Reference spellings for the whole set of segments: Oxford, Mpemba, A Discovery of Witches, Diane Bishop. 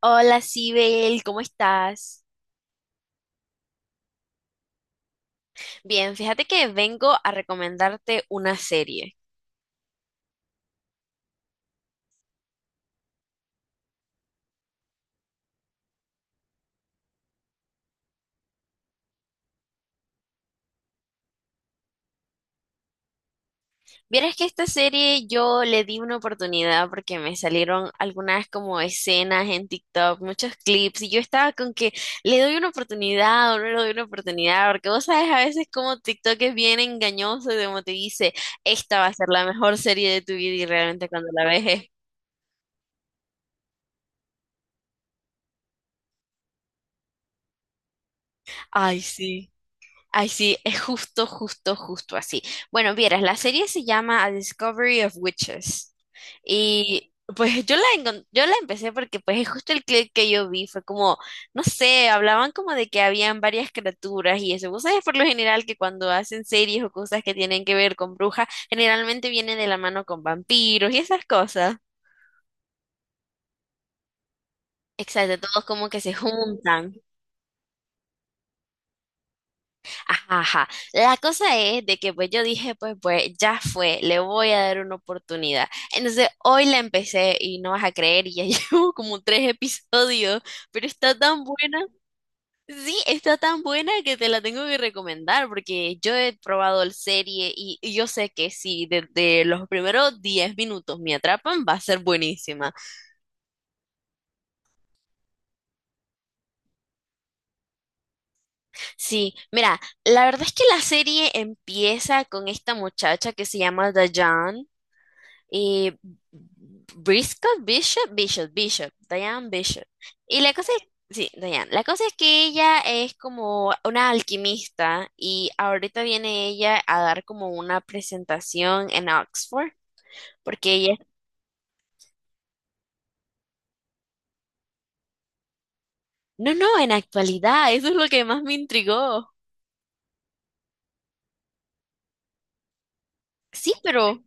Hola, Sibel, ¿cómo estás? Bien, fíjate que vengo a recomendarte una serie. Vieras que esta serie yo le di una oportunidad porque me salieron algunas como escenas en TikTok, muchos clips, y yo estaba con que le doy una oportunidad o no le doy una oportunidad, porque vos sabes a veces como TikTok es bien engañoso y como te dice, esta va a ser la mejor serie de tu vida y realmente cuando la ves es, ay, sí. Ay, sí, es justo, justo, justo así. Bueno, vieras, la serie se llama A Discovery of Witches. Y pues yo la empecé porque pues es justo el clip que yo vi, fue como, no sé, hablaban como de que habían varias criaturas y eso. Vos sabés por lo general que cuando hacen series o cosas que tienen que ver con brujas, generalmente viene de la mano con vampiros y esas cosas. Exacto, todos como que se juntan. Ajá, ajá. La cosa es de que pues yo dije, pues ya fue, le voy a dar una oportunidad. Entonces hoy la empecé y no vas a creer, y ya llevo como tres episodios, pero está tan buena. Sí, está tan buena que te la tengo que recomendar porque yo he probado la serie y yo sé que si desde los primeros 10 minutos me atrapan, va a ser buenísima. Sí, mira, la verdad es que la serie empieza con esta muchacha que se llama Dayan Y Briscoe, Bishop, Diane Bishop. Y la cosa es, sí, Diane, la cosa es que ella es como una alquimista y ahorita viene ella a dar como una presentación en Oxford, porque ella, no, no, en actualidad, eso es lo que más me intrigó. Sí, pero...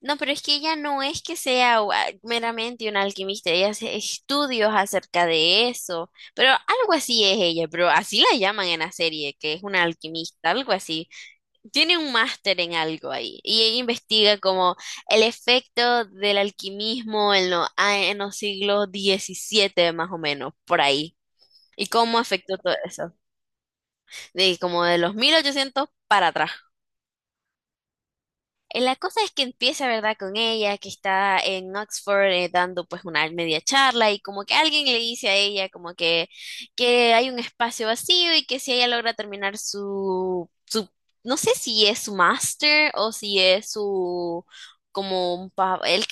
No, pero es que ella no es que sea meramente una alquimista, ella hace estudios acerca de eso, pero algo así es ella, pero así la llaman en la serie, que es una alquimista, algo así. Tiene un máster en algo ahí y ella investiga como el efecto del alquimismo en los siglos XVII más o menos, por ahí, y cómo afectó todo eso, de como de los 1800 para atrás. La cosa es que empieza, ¿verdad?, con ella, que está en Oxford, dando pues una media charla y como que alguien le dice a ella como que hay un espacio vacío y que si ella logra terminar su, no sé si es su máster o si es su, como un, pa- el,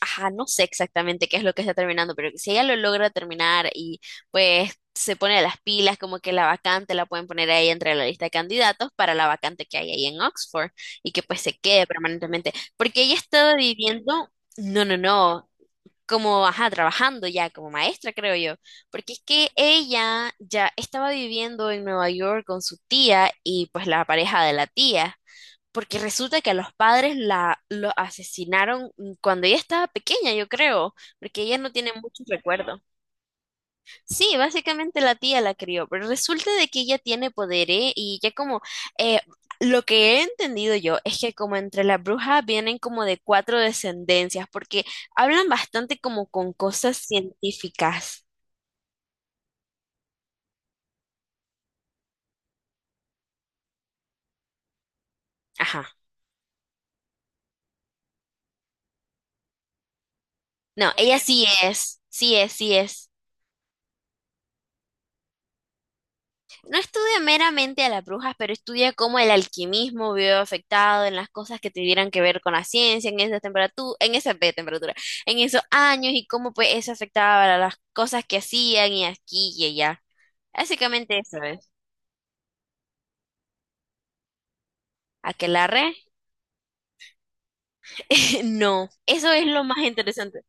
ajá, no sé exactamente qué es lo que está terminando, pero que si ella lo logra terminar y pues se pone las pilas, como que la vacante la pueden poner ahí entre la lista de candidatos para la vacante que hay ahí en Oxford y que pues se quede permanentemente, porque ella ha estado viviendo, no, no, no. Como, ajá, trabajando ya como maestra, creo yo, porque es que ella ya estaba viviendo en Nueva York con su tía y pues la pareja de la tía, porque resulta que a los padres la lo asesinaron cuando ella estaba pequeña, yo creo, porque ella no tiene muchos recuerdos. Sí, básicamente la tía la crió, pero resulta de que ella tiene poder, ¿eh? Y ya como eh, lo que he entendido yo es que como entre las brujas vienen como de cuatro descendencias, porque hablan bastante como con cosas científicas. Ajá. No, ella sí es, sí es, sí es. No estudia meramente a las brujas, pero estudia cómo el alquimismo vio afectado en las cosas que tuvieran que ver con la ciencia en esa temperatura, en esos años y cómo pues eso afectaba a las cosas que hacían y aquí y allá. Básicamente eso es. ¿Aquelarre? No, eso es lo más interesante.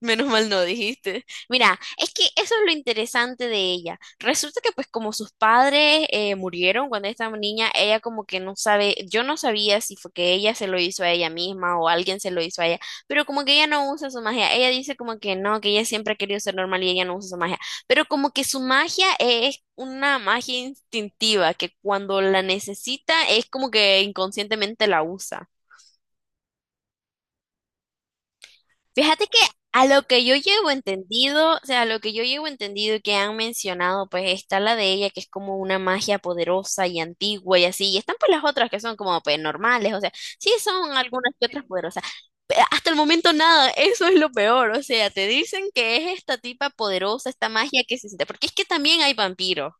Menos mal no dijiste. Mira, es que eso es lo interesante de ella. Resulta que pues como sus padres murieron cuando esta niña, ella como que no sabe, yo no sabía si fue que ella se lo hizo a ella misma o alguien se lo hizo a ella, pero como que ella no usa su magia. Ella dice como que no, que ella siempre ha querido ser normal y ella no usa su magia, pero como que su magia es una magia instintiva que cuando la necesita es como que inconscientemente la usa. Fíjate que a lo que yo llevo entendido, o sea, a lo que yo llevo entendido y que han mencionado, pues está la de ella, que es como una magia poderosa y antigua y así, y están pues las otras que son como pues normales, o sea, sí son algunas que otras poderosas, pero hasta el momento nada, eso es lo peor, o sea, te dicen que es esta tipa poderosa, esta magia que se siente, porque es que también hay vampiros.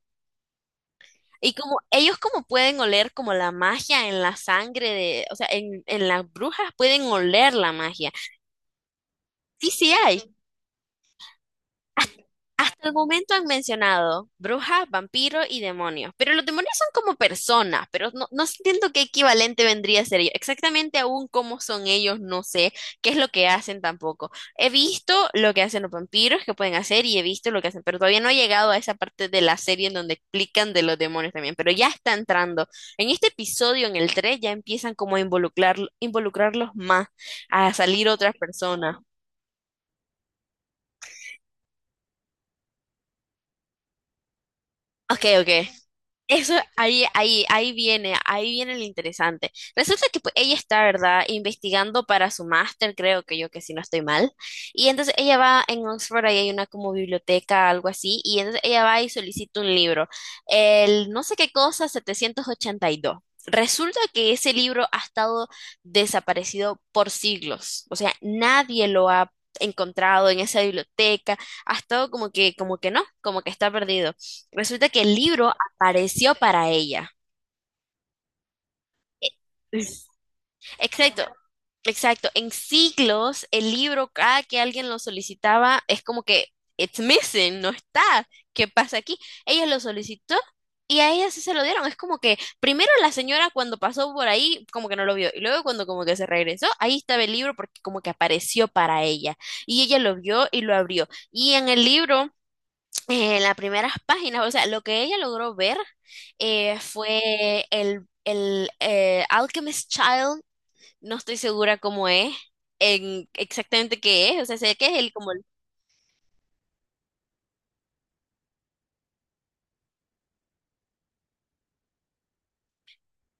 Y como ellos como pueden oler como la magia en la sangre de, o sea, en las brujas pueden oler la magia. Sí, sí hay. Hasta el momento han mencionado brujas, vampiros y demonios, pero los demonios son como personas, pero no, no entiendo qué equivalente vendría a ser ellos. Exactamente aún cómo son ellos, no sé qué es lo que hacen tampoco. He visto lo que hacen los vampiros, que pueden hacer, y he visto lo que hacen, pero todavía no he llegado a esa parte de la serie en donde explican de los demonios también, pero ya está entrando. En este episodio, en el 3 ya empiezan como a involucrar, involucrarlos más, a salir otras personas. Ok, ok. Eso ahí viene lo interesante. Resulta que pues, ella está, ¿verdad?, investigando para su máster, creo que yo que si no estoy mal. Y entonces ella va en Oxford, ahí hay una como biblioteca, algo así, y entonces ella va y solicita un libro, el no sé qué cosa, 782. Resulta que ese libro ha estado desaparecido por siglos, o sea, nadie lo ha encontrado en esa biblioteca, ha estado como que no, como que está perdido. Resulta que el libro pareció para ella. E- Exacto. Exacto. En siglos, el libro, cada que alguien lo solicitaba, es como que, it's missing, no está. ¿Qué pasa aquí? Ella lo solicitó y a ella sí se lo dieron. Es como que, primero la señora cuando pasó por ahí, como que no lo vio. Y luego cuando como que se regresó, ahí estaba el libro porque como que apareció para ella. Y ella lo vio y lo abrió. Y en el libro, en las primeras páginas, o sea, lo que ella logró ver, fue el Alchemist Child, no estoy segura cómo es, en exactamente qué es, o sea, sé que es el, como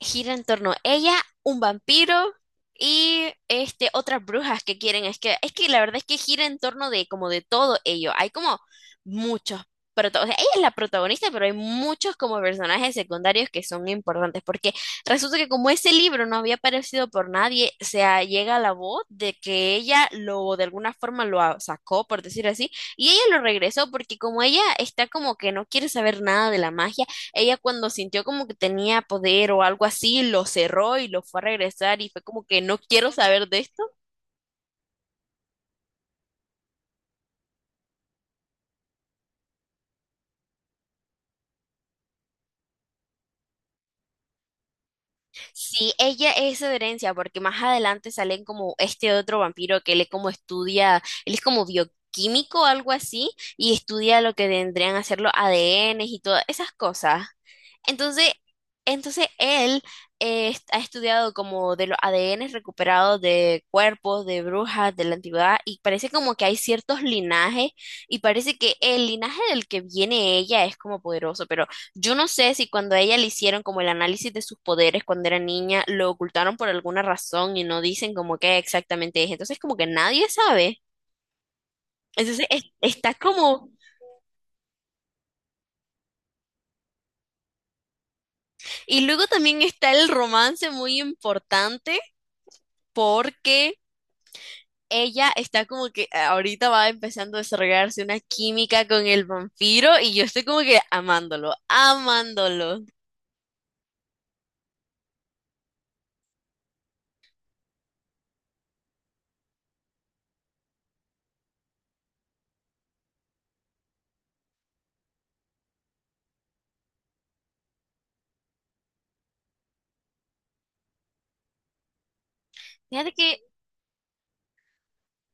gira en torno a ella, un vampiro y este otras brujas que quieren. Es que la verdad es que gira en torno de como de todo ello. Hay como muchos protagonistas. Ella es la protagonista, pero hay muchos como personajes secundarios que son importantes. Porque resulta que como ese libro no había aparecido por nadie, o sea, llega la voz de que ella lo de alguna forma lo a- sacó, por decir así, y ella lo regresó porque como ella está como que no quiere saber nada de la magia. Ella cuando sintió como que tenía poder o algo así, lo cerró y lo fue a regresar y fue como que no quiero saber de esto. Sí, ella es herencia porque más adelante salen como este otro vampiro que él es como estudia, él es como bioquímico o algo así y estudia lo que tendrían a ser los ADNs y todas esas cosas. Entonces, entonces él, ha estudiado como de los ADN recuperados de cuerpos, de brujas, de la antigüedad, y parece como que hay ciertos linajes, y parece que el linaje del que viene ella es como poderoso, pero yo no sé si cuando a ella le hicieron como el análisis de sus poderes cuando era niña, lo ocultaron por alguna razón y no dicen como qué exactamente es, entonces como que nadie sabe. Entonces está como. Y luego también está el romance muy importante, porque ella está como que ahorita va empezando a desarrollarse una química con el vampiro y yo estoy como que amándolo, amándolo. Fíjate que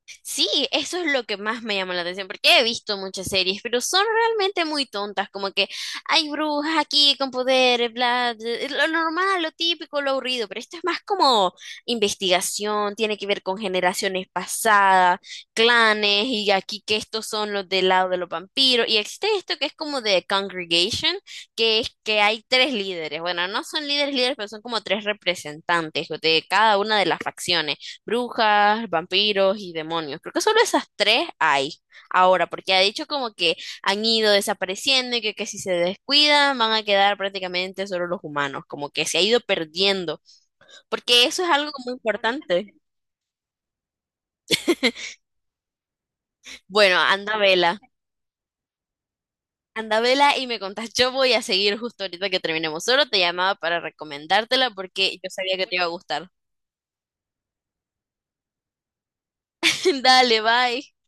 sí, eso es lo que más me llama la atención, porque he visto muchas series, pero son realmente muy tontas, como que hay brujas aquí con poderes, bla, bla, es lo normal, lo típico, lo aburrido, pero esto es más como investigación, tiene que ver con generaciones pasadas, clanes, y aquí que estos son los del lado de los vampiros, y existe esto que es como de congregation, que es que hay tres líderes, bueno, no son líderes líderes, pero son como tres representantes de cada una de las facciones brujas, vampiros y demonios. Creo que solo esas tres hay ahora, porque ha dicho como que han ido desapareciendo y que si se descuidan van a quedar prácticamente solo los humanos, como que se ha ido perdiendo, porque eso es algo muy importante. Bueno, anda vela. Anda vela y me contás, yo voy a seguir justo ahorita que terminemos. Solo te llamaba para recomendártela porque yo sabía que te iba a gustar. Dale, bye.